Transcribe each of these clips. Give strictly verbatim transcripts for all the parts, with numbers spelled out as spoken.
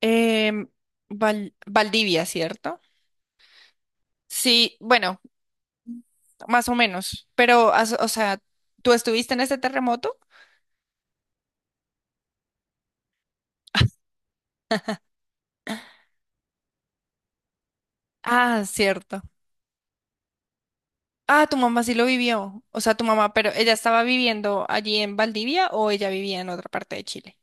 Em, Val- Valdivia, ¿cierto? Sí, bueno, más o menos, pero, as- o sea, ¿tú estuviste en este terremoto? Ah, cierto. Ah, tu mamá sí lo vivió, o sea, tu mamá, pero ¿ella estaba viviendo allí en Valdivia o ella vivía en otra parte de Chile?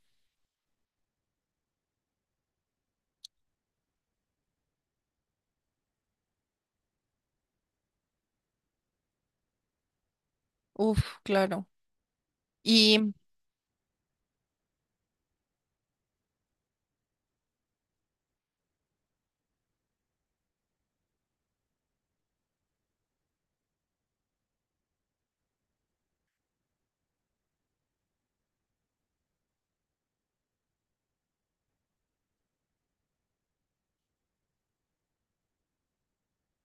Uf, claro. Y,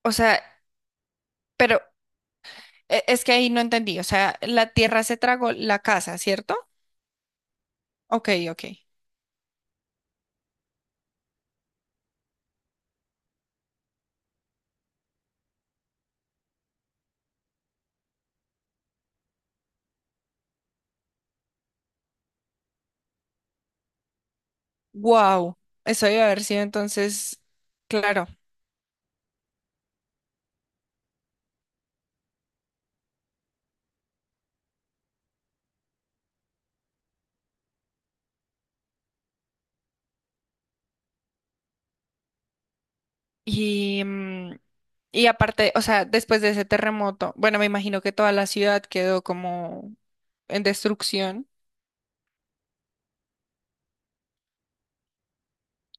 o sea, pero e- es que ahí no entendí, o sea, la tierra se tragó la casa, ¿cierto? Ok, ok. Wow, eso debe haber sido entonces, claro. Y, mm, y aparte, o sea, después de ese terremoto, bueno, me imagino que toda la ciudad quedó como en destrucción.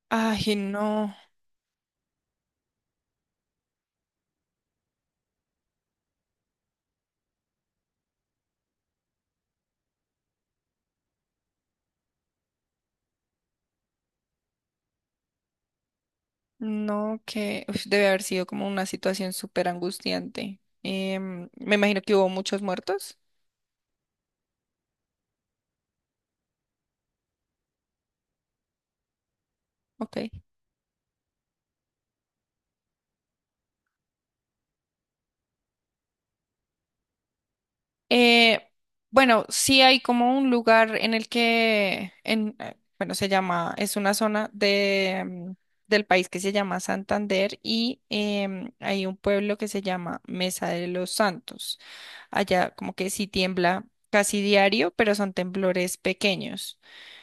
Ay, no, no, que uf, debe haber sido como una situación súper angustiante. Em, me imagino que hubo muchos muertos. Ok. Eh, bueno, sí hay como un lugar en el que, en, eh, bueno, se llama, es una zona de, mm, del país que se llama Santander y em, hay un pueblo que se llama Mesa de los Santos. Allá como que sí tiembla casi diario, pero son temblores pequeños.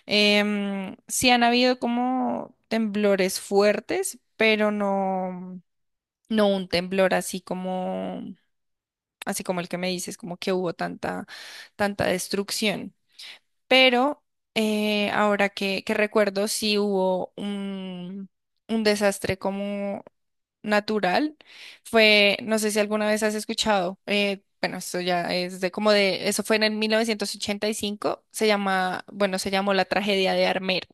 Em, sí han habido como temblores fuertes, pero no, no un temblor así como así como el que me dices, como que hubo tanta, tanta destrucción. Pero eh, ahora que, que recuerdo, sí hubo un, un desastre como natural. Fue, no sé si alguna vez has escuchado, eh, bueno, eso ya es de como de, eso fue en el mil novecientos ochenta y cinco, se llama, bueno, se llamó la tragedia de Armero.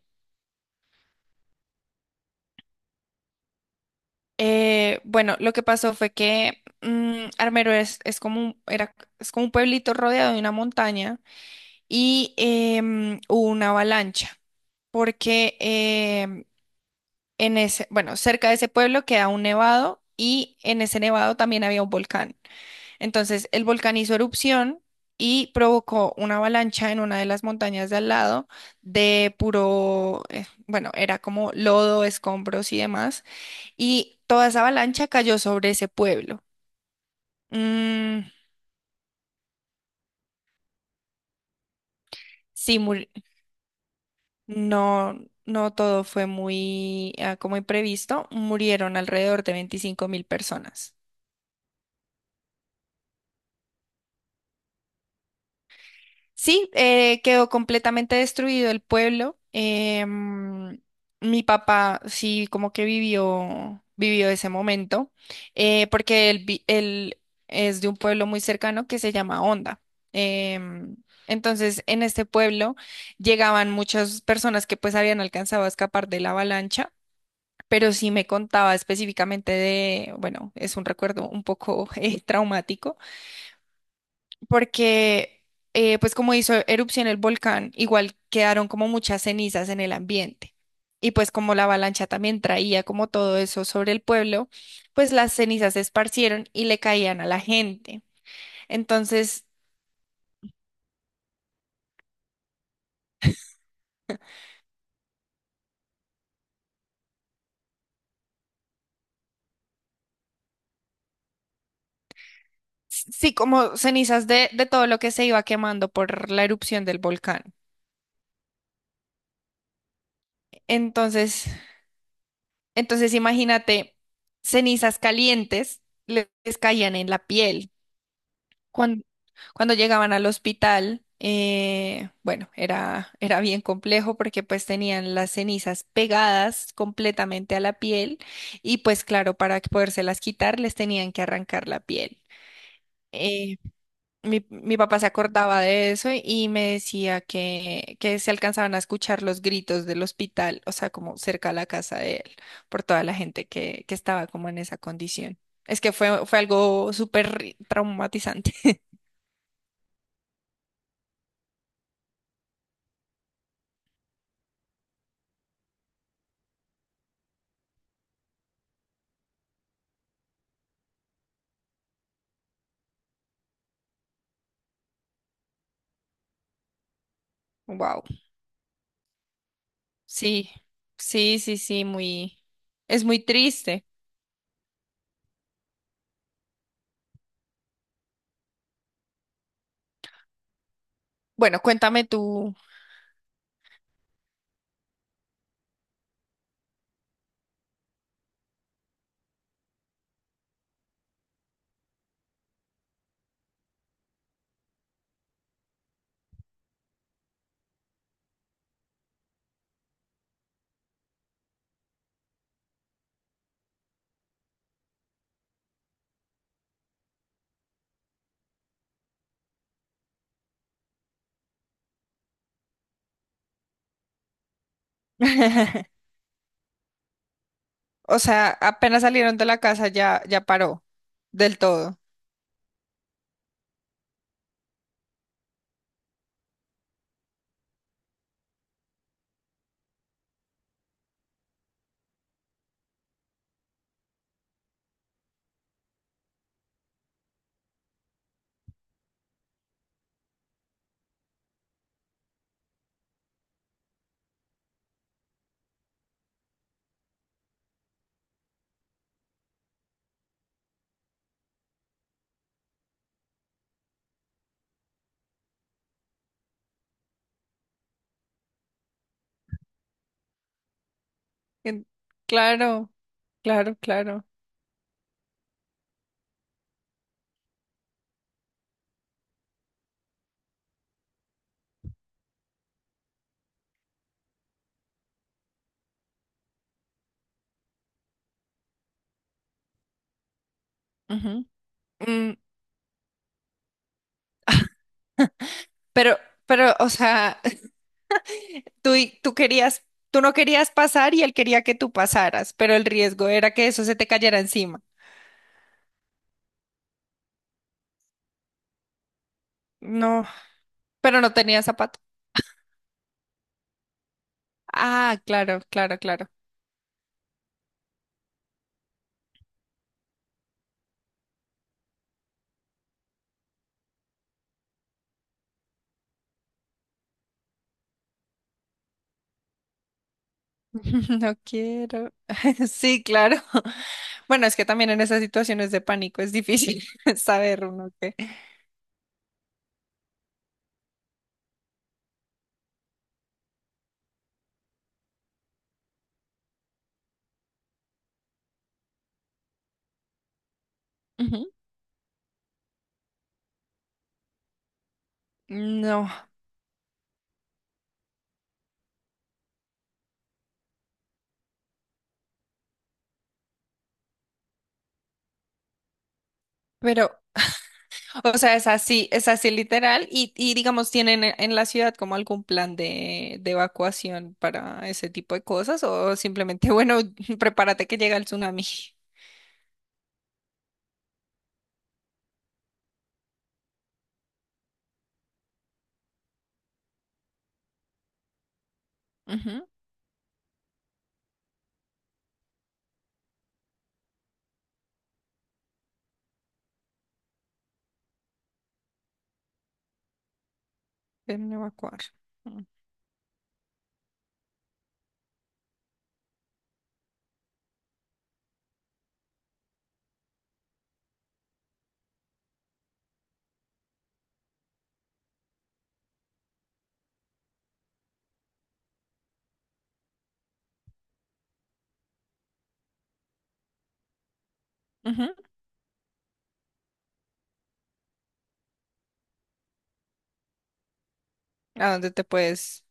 Eh, bueno, lo que pasó fue que mm, Armero es, es como un, era, es como un pueblito rodeado de una montaña y em, hubo una avalancha, porque em, en ese, bueno, cerca de ese pueblo queda un nevado y en ese nevado también había un volcán. Entonces el volcán hizo erupción y provocó una avalancha en una de las montañas de al lado de puro, eh, bueno, era como lodo, escombros y demás, y toda esa avalancha cayó sobre ese pueblo. Mm, sí, No, no todo fue muy ah, como imprevisto. Murieron alrededor de veinticinco mil personas. Sí, eh, quedó completamente destruido el pueblo. Em, mi papá sí como que vivió, vivió ese momento, eh, porque él, vi- él es de un pueblo muy cercano que se llama Honda. Em, entonces, en este pueblo llegaban muchas personas que pues habían alcanzado a escapar de la avalancha pero sí me contaba específicamente de, bueno, es un recuerdo un poco eh, traumático, porque eh, pues como hizo erupción el volcán, igual quedaron como muchas cenizas en el ambiente. Y pues como la avalancha también traía como todo eso sobre el pueblo, pues las cenizas se esparcieron y le caían a la gente. Entonces, s- sí, como cenizas de, de todo lo que se iba quemando por la erupción del volcán. Entonces, Entonces, imagínate, cenizas calientes le- les caían en la piel. Cuando, cuando llegaban al hospital, eh, bueno, era, era bien complejo porque pues tenían las cenizas pegadas completamente a la piel y pues claro, para poderse las quitar les tenían que arrancar la piel. Eh, mi, mi papá se acordaba de eso y me decía que, que se alcanzaban a escuchar los gritos del hospital, o sea, como cerca a la casa de él, por toda la gente que, que estaba como en esa condición. Es que fue, fue algo súper traumatizante. Wow. Sí, sí, sí, sí, muy, es muy triste. Bueno, cuéntame tú. O sea, apenas salieron de la casa ya, ya paró del todo. En- Claro, claro, claro. Ujú. Pero, pero, o sea, tú, y- tú querías, tú no querías pasar y él quería que tú pasaras, pero el riesgo era que eso se te cayera encima. No, pero no tenía zapato. Ah, claro, claro, claro. No quiero. Sí, claro. Bueno, es que también en esas situaciones de pánico es difícil saber uno qué. Ujú. No, pero O sea, es así, es así literal y, y digamos, ¿tienen e- en la ciudad como algún plan de, de evacuación para ese tipo de cosas o simplemente, bueno, prepárate que llega el tsunami? Ujú, Ven a evacuar. Mm, ujú, ¿A dónde te puedes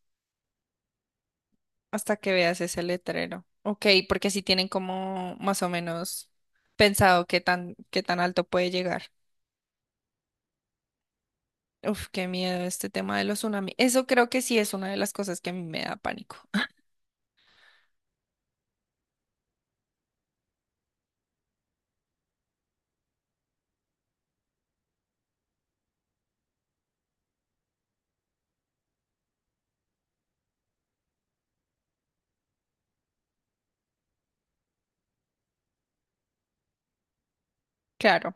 hasta que veas ese letrero? Ok, porque si tienen como más o menos pensado qué tan, qué tan alto puede llegar. Uf, qué miedo este tema de los tsunamis. Eso creo que sí es una de las cosas que a mí me da pánico. Claro.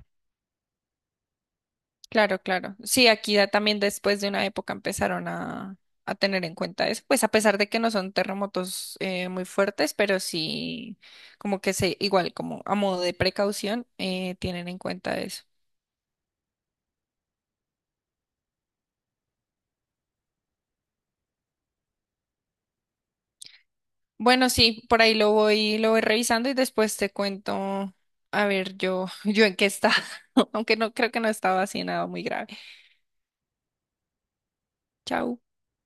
Claro, claro. Sí, aquí ya también después de una época empezaron a, a tener en cuenta eso, pues a pesar de que no son terremotos eh, muy fuertes, pero sí como que se, igual como a modo de precaución, eh, tienen en cuenta eso. Bueno, sí, por ahí lo voy, lo voy revisando y después te cuento, a ver, yo, yo en qué estaba, aunque no creo que no estaba así nada muy grave. Chao.